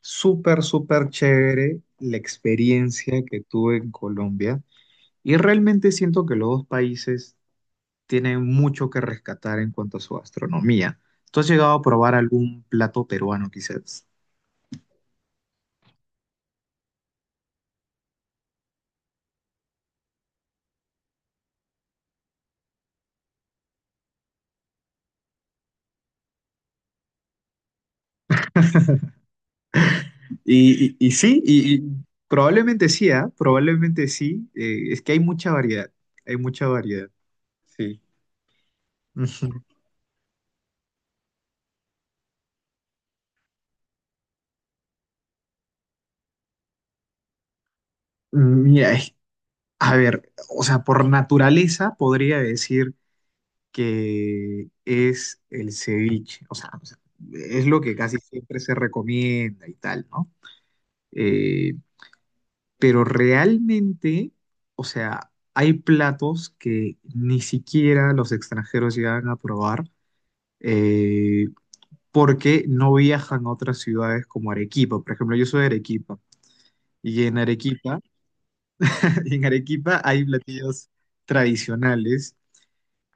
Súper, súper chévere la experiencia que tuve en Colombia y realmente siento que los dos países tienen mucho que rescatar en cuanto a su gastronomía. ¿Tú has llegado a probar algún plato peruano quizás? Y sí. Y probablemente sí, ¿ah? Probablemente sí. Es que hay mucha variedad, hay mucha variedad. Sí. Ujú. Mira, es- a ver, o sea, por naturaleza podría decir que es el ceviche. O sea, es lo que casi siempre se recomienda y tal, ¿no? Eh, pero realmente, o sea, hay platos que ni siquiera los extranjeros llegan a probar, eh, porque no viajan a otras ciudades como Arequipa. Por ejemplo, yo soy de Arequipa, y en Arequipa, en Arequipa hay platillos tradicionales,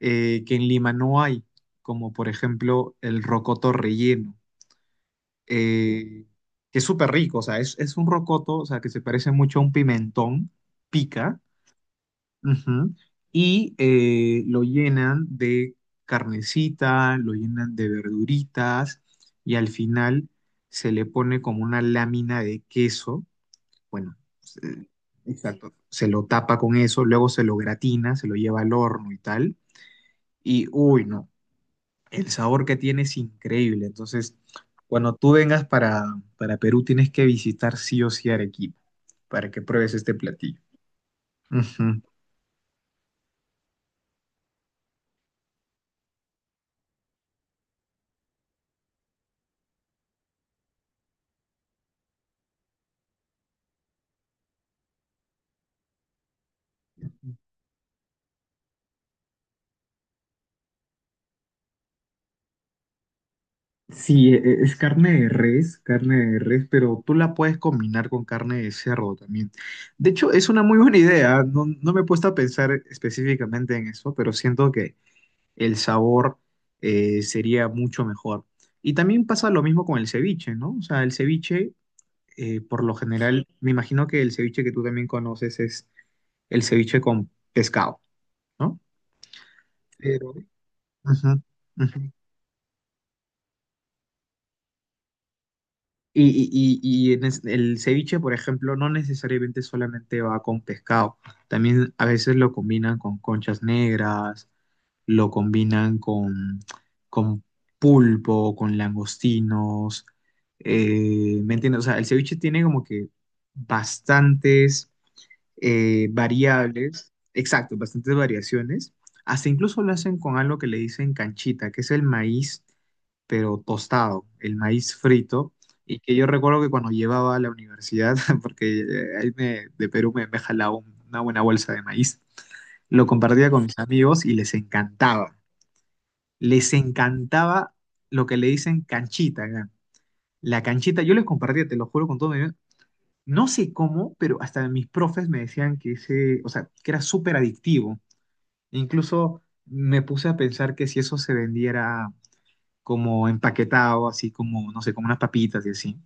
que en Lima no hay, como por ejemplo el rocoto relleno. eh, que es súper rico, o sea, es un rocoto, o sea, que se parece mucho a un pimentón, pica, ujú, y lo llenan de carnecita, lo llenan de verduritas, y al final se le pone como una lámina de queso, bueno, se- exacto, se lo tapa con eso, luego se lo gratina, se lo lleva al horno y tal, y uy, no. El sabor que tiene es increíble. Entonces, cuando tú vengas para Perú, tienes que visitar sí o sí Arequipa para que pruebes este platillo. Ujú. Sí, es carne de res, pero tú la puedes combinar con carne de cerdo también. De hecho, es una muy buena idea, ¿ah? No, no me he puesto a pensar específicamente en eso, pero siento que el sabor, sería mucho mejor. Y también pasa lo mismo con el ceviche, ¿no? O sea, el ceviche, por lo general, me imagino que el ceviche que tú también conoces es el ceviche con pescado, ¿no? Pero, ujú, ujú. El ceviche, por ejemplo, no necesariamente solamente va con pescado, también a veces lo combinan con conchas negras, lo combinan con pulpo, con langostinos, ¿me entiendes? O sea, el ceviche tiene como que bastantes, variables, exacto, bastantes variaciones. Hasta incluso lo hacen con algo que le dicen canchita, que es el maíz, pero tostado, el maíz frito. Y que yo recuerdo que cuando llevaba a la universidad, porque de Perú me jalaba una buena bolsa de maíz, lo compartía con mis amigos y les encantaba. Les encantaba lo que le dicen canchita acá. La canchita, yo les compartía, te lo juro con todo, no sé cómo, pero hasta mis profes me decían que ese, o sea, que era súper adictivo. Incluso me puse a pensar que si eso se vendiera como empaquetado, así como, no sé, como unas papitas y así.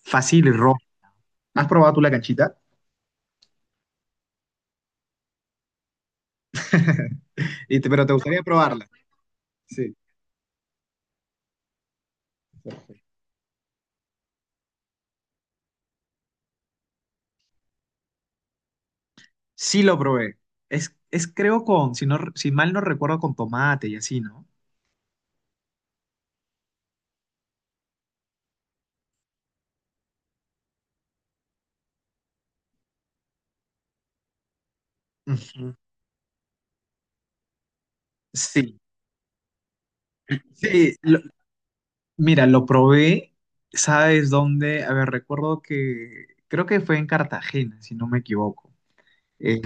Fácil y rojo. ¿Has probado tú la canchita? Pero te gustaría probarla. Sí. Sí lo probé. Es creo con, si no, si mal no recuerdo, con tomate y así, ¿no? Ujú. Sí. Sí, lo, Mira, lo probé, ¿sabes dónde? A ver, recuerdo que creo que fue en Cartagena, si no me equivoco. Eh,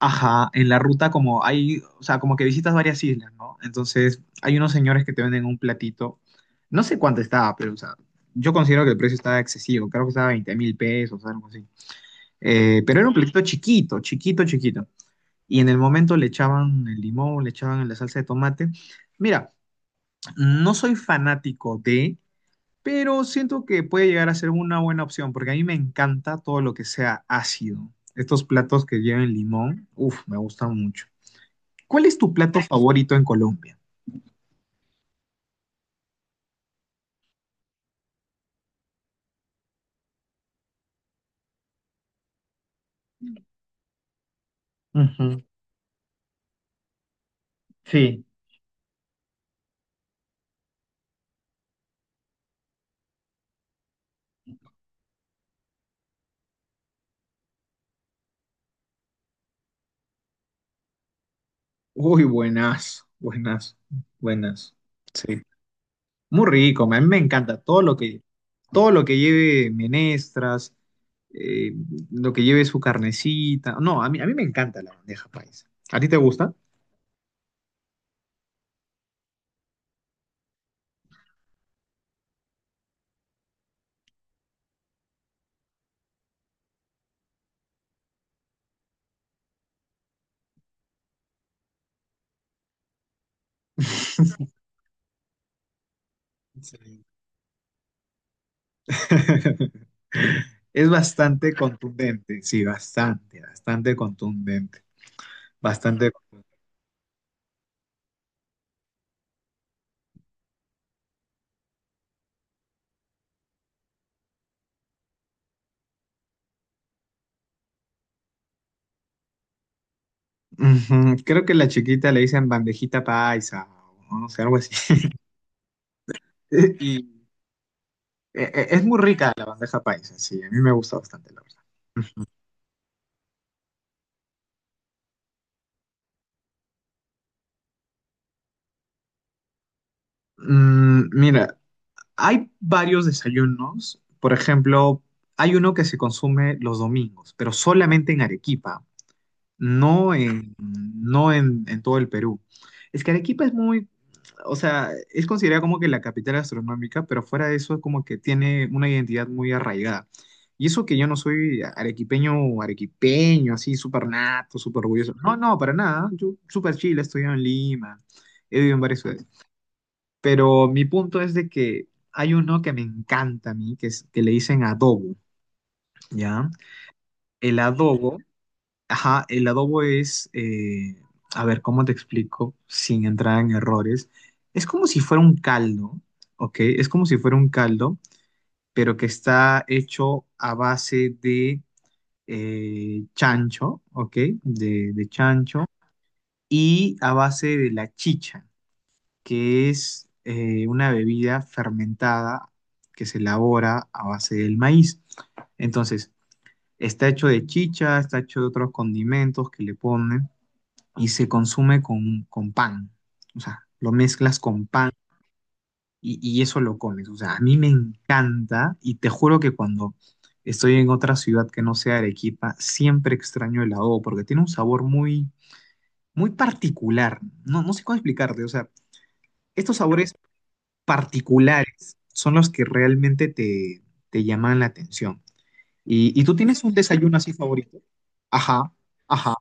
ajá, en la ruta como hay, o sea, como que visitas varias islas, ¿no? Entonces, hay unos señores que te venden un platito, no sé cuánto estaba, pero, o sea, yo considero que el precio estaba excesivo, creo que estaba 20.000 pesos, algo así. Pero era un platito chiquito, chiquito, chiquito. Y en el momento le echaban el limón, le echaban la salsa de tomate. Mira, no soy fanático de... pero siento que puede llegar a ser una buena opción porque a mí me encanta todo lo que sea ácido. Estos platos que lleven limón, uff, me gustan mucho. ¿Cuál es tu plato favorito en Colombia? Ujú. Sí. Uy, buenas, buenas, buenas. Sí. Muy rico, a mí me encanta todo lo que lleve menestras, eh, lo que lleve su carnecita. No, a mí me encanta la bandeja paisa. ¿A ti te gusta? Sí. Es bastante contundente, sí, bastante, bastante contundente, bastante. Ujú. Creo que la chiquita le dicen bandejita paisa o no sé, algo así. Y es muy rica la bandeja paisa, sí, a mí me gusta bastante, la verdad. Mm, mira, hay varios desayunos. Por ejemplo, hay uno que se consume los domingos, pero solamente en Arequipa. No en, no en, en todo el Perú. Es que Arequipa es muy, o sea, es considerada como que la capital astronómica, pero fuera de eso es como que tiene una identidad muy arraigada. Y eso que yo no soy arequipeño o arequipeño, así súper nato, súper orgulloso. No, no, para nada. Yo súper chile, he estudiado en Lima, he vivido en varias ciudades. Pero mi punto es de que hay uno que me encanta a mí, que, es, que le dicen adobo, ¿ya? El adobo. Ajá, el adobo es, a ver, ¿cómo te explico? Sin entrar en errores. Es como si fuera un caldo, ¿ok? Es como si fuera un caldo, pero que está hecho a base de chancho, ¿ok? De chancho y a base de la chicha, que es una bebida fermentada que se elabora a base del maíz. Entonces, está hecho de chicha, está hecho de otros condimentos que le ponen y se consume con pan. O sea, lo mezclas con pan y eso lo comes. O sea, a mí me encanta y te juro que cuando estoy en otra ciudad que no sea Arequipa, siempre extraño el adobo porque tiene un sabor muy, muy particular. No, no sé cómo explicarte. O sea, estos sabores particulares son los que realmente te, te llaman la atención. Y tú tienes un desayuno así favorito? Ajá, ajá.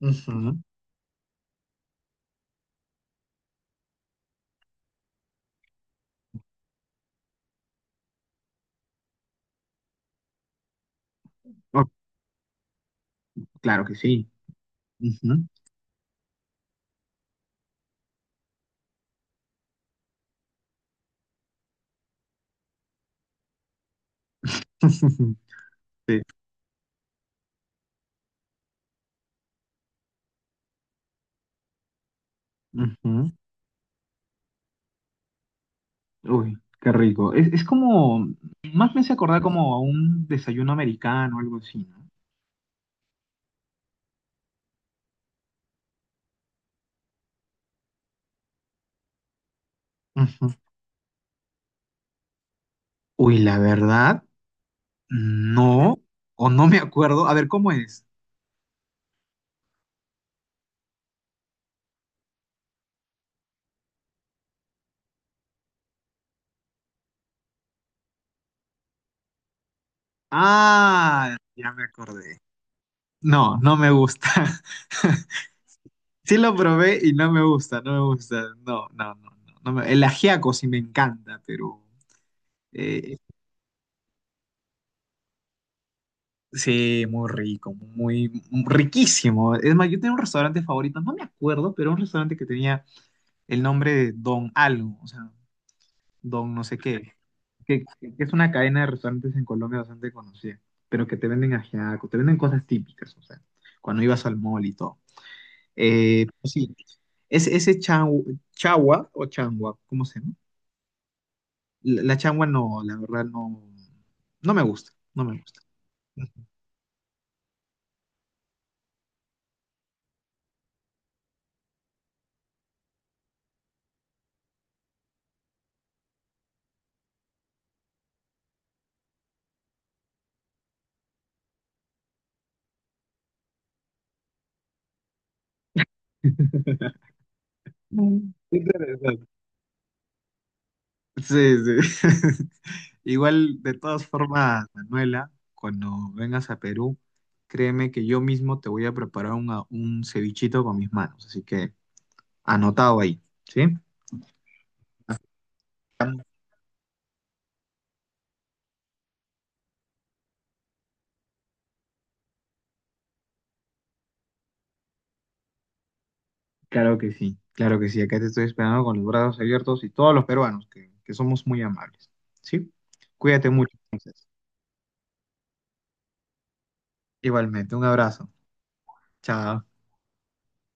Ujú. Oh, claro que sí. Ujú. Ujú. Uy, qué rico. Es como, más me hace acordar como a un desayuno americano, algo así, ¿no? Ujú. Uy, la verdad, no, o no me acuerdo. A ver, ¿cómo es? Ah, ya me acordé. No, no me gusta. Sí lo probé y no me gusta, no me gusta. No, no, no, no. El ajiaco sí me encanta, pero eh, sí, muy rico, muy, muy riquísimo. Es más, yo tenía un restaurante favorito, no me acuerdo, pero un restaurante que tenía el nombre de Don Algo, o sea, Don no sé qué, que es una cadena de restaurantes en Colombia bastante conocida, pero que te venden ajiaco, te venden cosas típicas, o sea, cuando ibas al mall y todo. Pues sí, es, ese chagua o changua, ¿cómo se llama? La changua no, la verdad no, no me gusta, no me gusta. Interesante. Sí, sí. Igual, de todas formas, Manuela, cuando vengas a Perú, créeme que yo mismo te voy a preparar un cevichito con mis manos. Así que anotado ahí, ¿sí? Estamos- Claro que sí, claro que sí. Acá te estoy esperando con los brazos abiertos y todos los peruanos, que somos muy amables, ¿sí? Cuídate mucho, entonces. Igualmente, un abrazo. Chao.